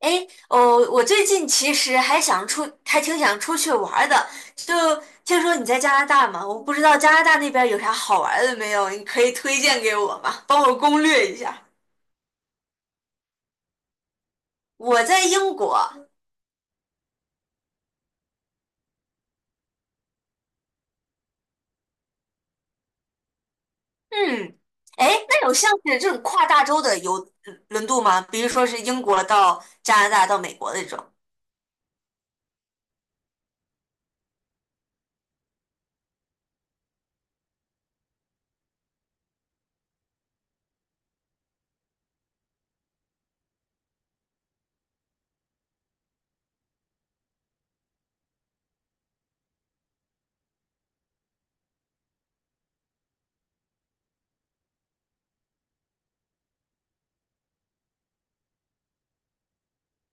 哎，哦，我最近其实还想出，还挺想出去玩儿的。就听说你在加拿大嘛，我不知道加拿大那边有啥好玩儿的没有，你可以推荐给我吗？帮我攻略一下。我在英国，嗯，哎，那有像是这种跨大洲的游轮渡吗？比如说是英国到加拿大到美国的这种。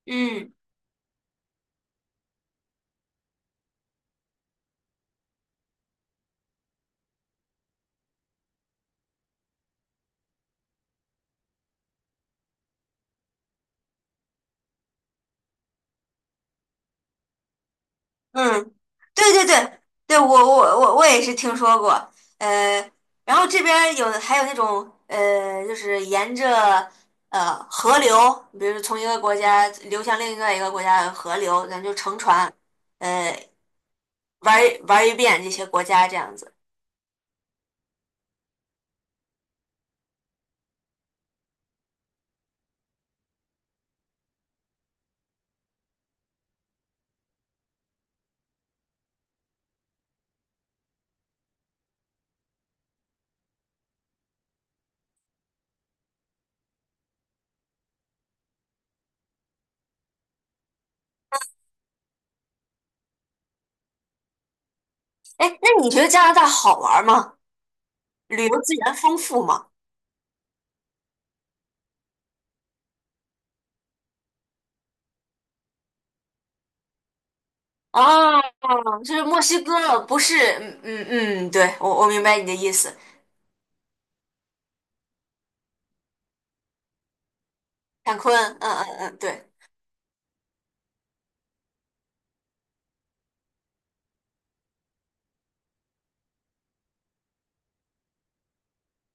嗯。嗯，对对对对，我也是听说过，呃，然后这边儿有还有那种就是沿着河流，比如说从一个国家流向另外一个国家的河流，咱就乘船，呃，玩儿一遍这些国家这样子。哎，那你觉得加拿大好玩儿吗？旅游资源丰富吗？哦，就是墨西哥，不是，嗯嗯嗯，对，我明白你的意思。坎昆，嗯嗯嗯，对。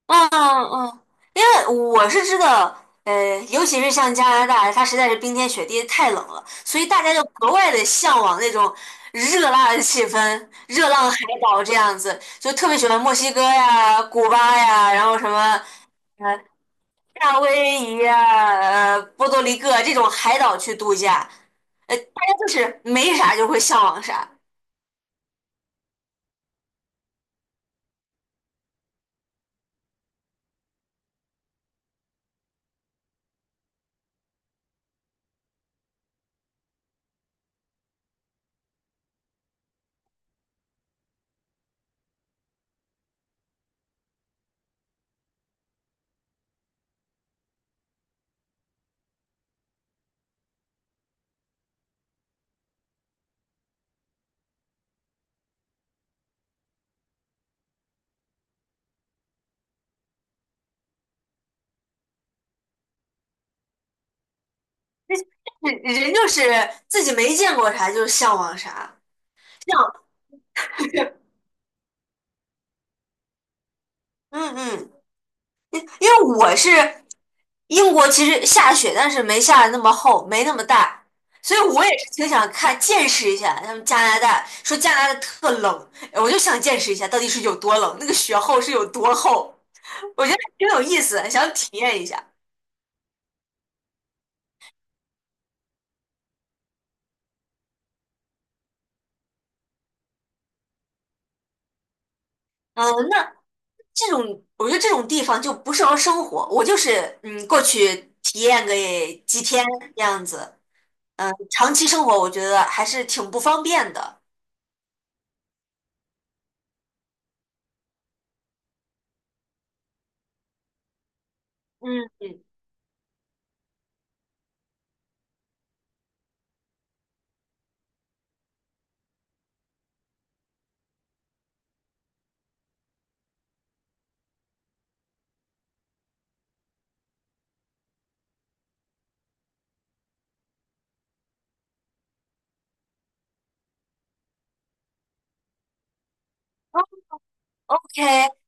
嗯嗯，因为我是知道，尤其是像加拿大，它实在是冰天雪地太冷了，所以大家就格外的向往那种热辣的气氛，热浪海岛这样子，就特别喜欢墨西哥呀、古巴呀，然后什么呃夏威夷呀、波多黎各这种海岛去度假，大家就是没啥就会向往啥，人人就是自己没见过啥就向往啥，像 嗯嗯。因为我是英国，其实下雪，但是没下的那么厚，没那么大，所以我也是挺想看见识一下他们加拿大。说加拿大特冷，我就想见识一下到底是有多冷，那个雪厚是有多厚。我觉得挺有意思，想体验一下。嗯，那这种我觉得这种地方就不适合生活，我就是过去体验个几天这样子，长期生活我觉得还是挺不方便的。嗯嗯。OK，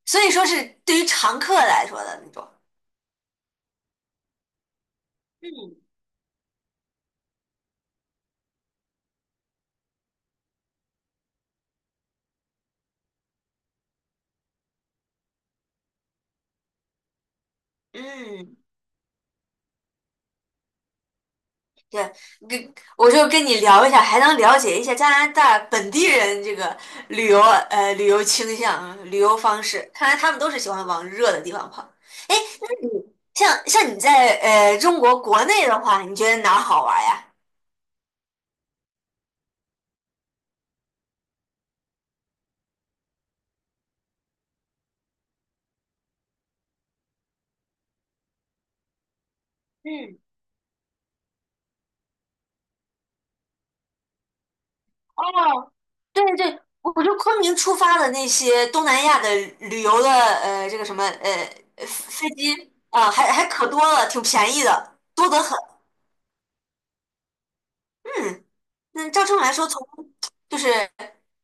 所以说是对于常客来说的那种。嗯，嗯，对，跟我就跟你聊一下，还能了解一下加拿大本地人这个旅游倾向、旅游方式。看来他们都是喜欢往热的地方跑。哎，那你像你在中国国内的话，你觉得哪儿好玩呀？嗯。哦，对对，我就昆明出发的那些东南亚的旅游的，呃，这个什么，呃，呃飞机，啊、还可多了，挺便宜的，多得很。嗯，那照这么来说，从就是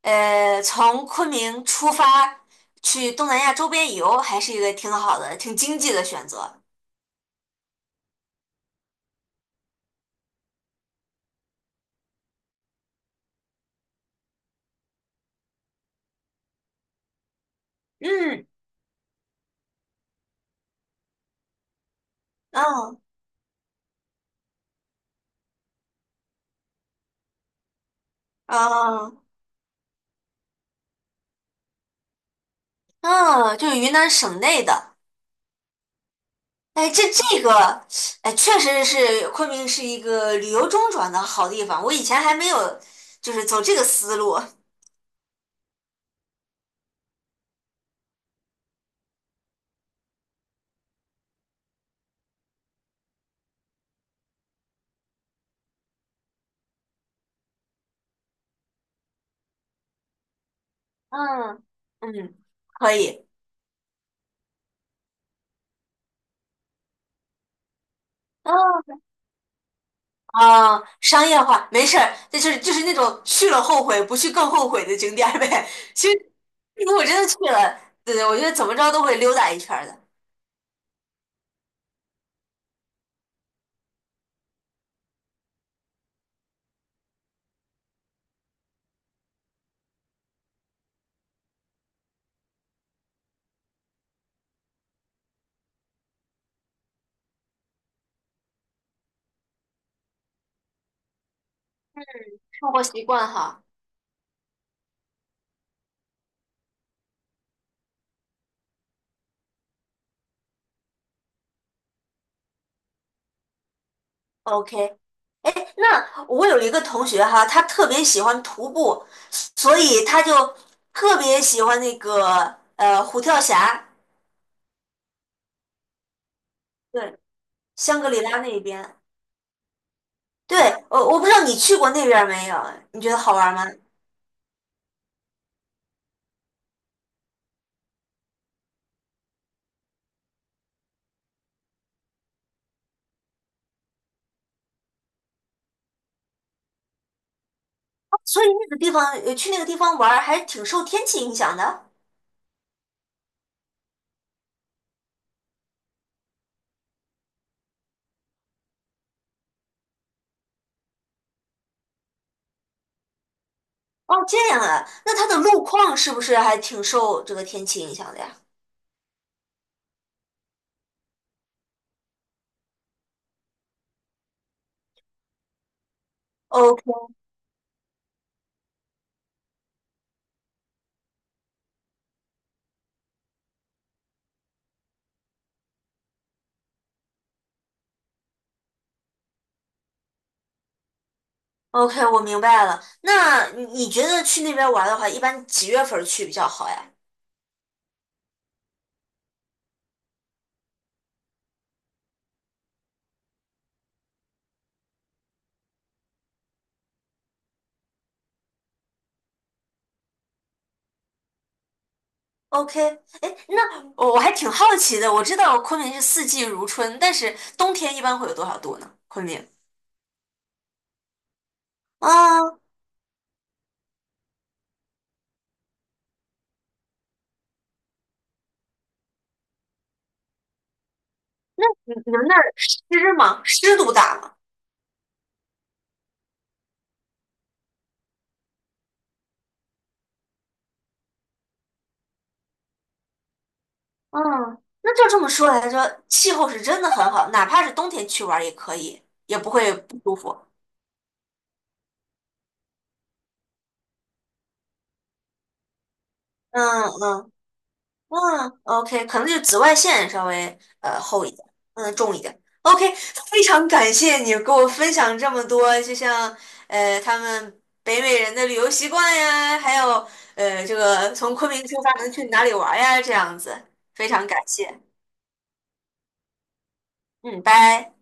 呃，从昆明出发去东南亚周边游，还是一个挺好的、挺经济的选择。嗯，嗯嗯嗯，就是云南省内的。哎，这个，哎，确实是昆明是一个旅游中转的好地方。我以前还没有，就是走这个思路。嗯嗯，可以。嗯啊，商业化没事儿，那就是那种去了后悔，不去更后悔的景点儿呗。其实如果真的去了，对对，我觉得怎么着都会溜达一圈儿的。生活习惯哈。OK，哎，那我有一个同学哈，他特别喜欢徒步，所以他就特别喜欢那个虎跳峡，对，香格里拉那边。对，我不知道你去过那边儿没有？你觉得好玩吗？哦所以那个地方，去那个地方玩儿还挺受天气影响的。哦，这样啊，那它的路况是不是还挺受这个天气影响的呀？OK OK，我明白了。那你你觉得去那边玩儿的话，一般几月份儿去比较好呀？OK，哎，那我还挺好奇的。我知道昆明是四季如春，但是冬天一般会有多少度呢？昆明啊，你你们那儿湿吗？湿度大吗？嗯，那就这么说来着，气候是真的很好，哪怕是冬天去玩儿也可以，也不会不舒服。嗯嗯。嗯，OK，可能就是紫外线稍微厚一点，嗯，重一点。OK，非常感谢你给我分享这么多，就像他们北美人的旅游习惯呀，还有这个从昆明出发能去哪里玩呀，这样子，非常感谢。嗯，拜。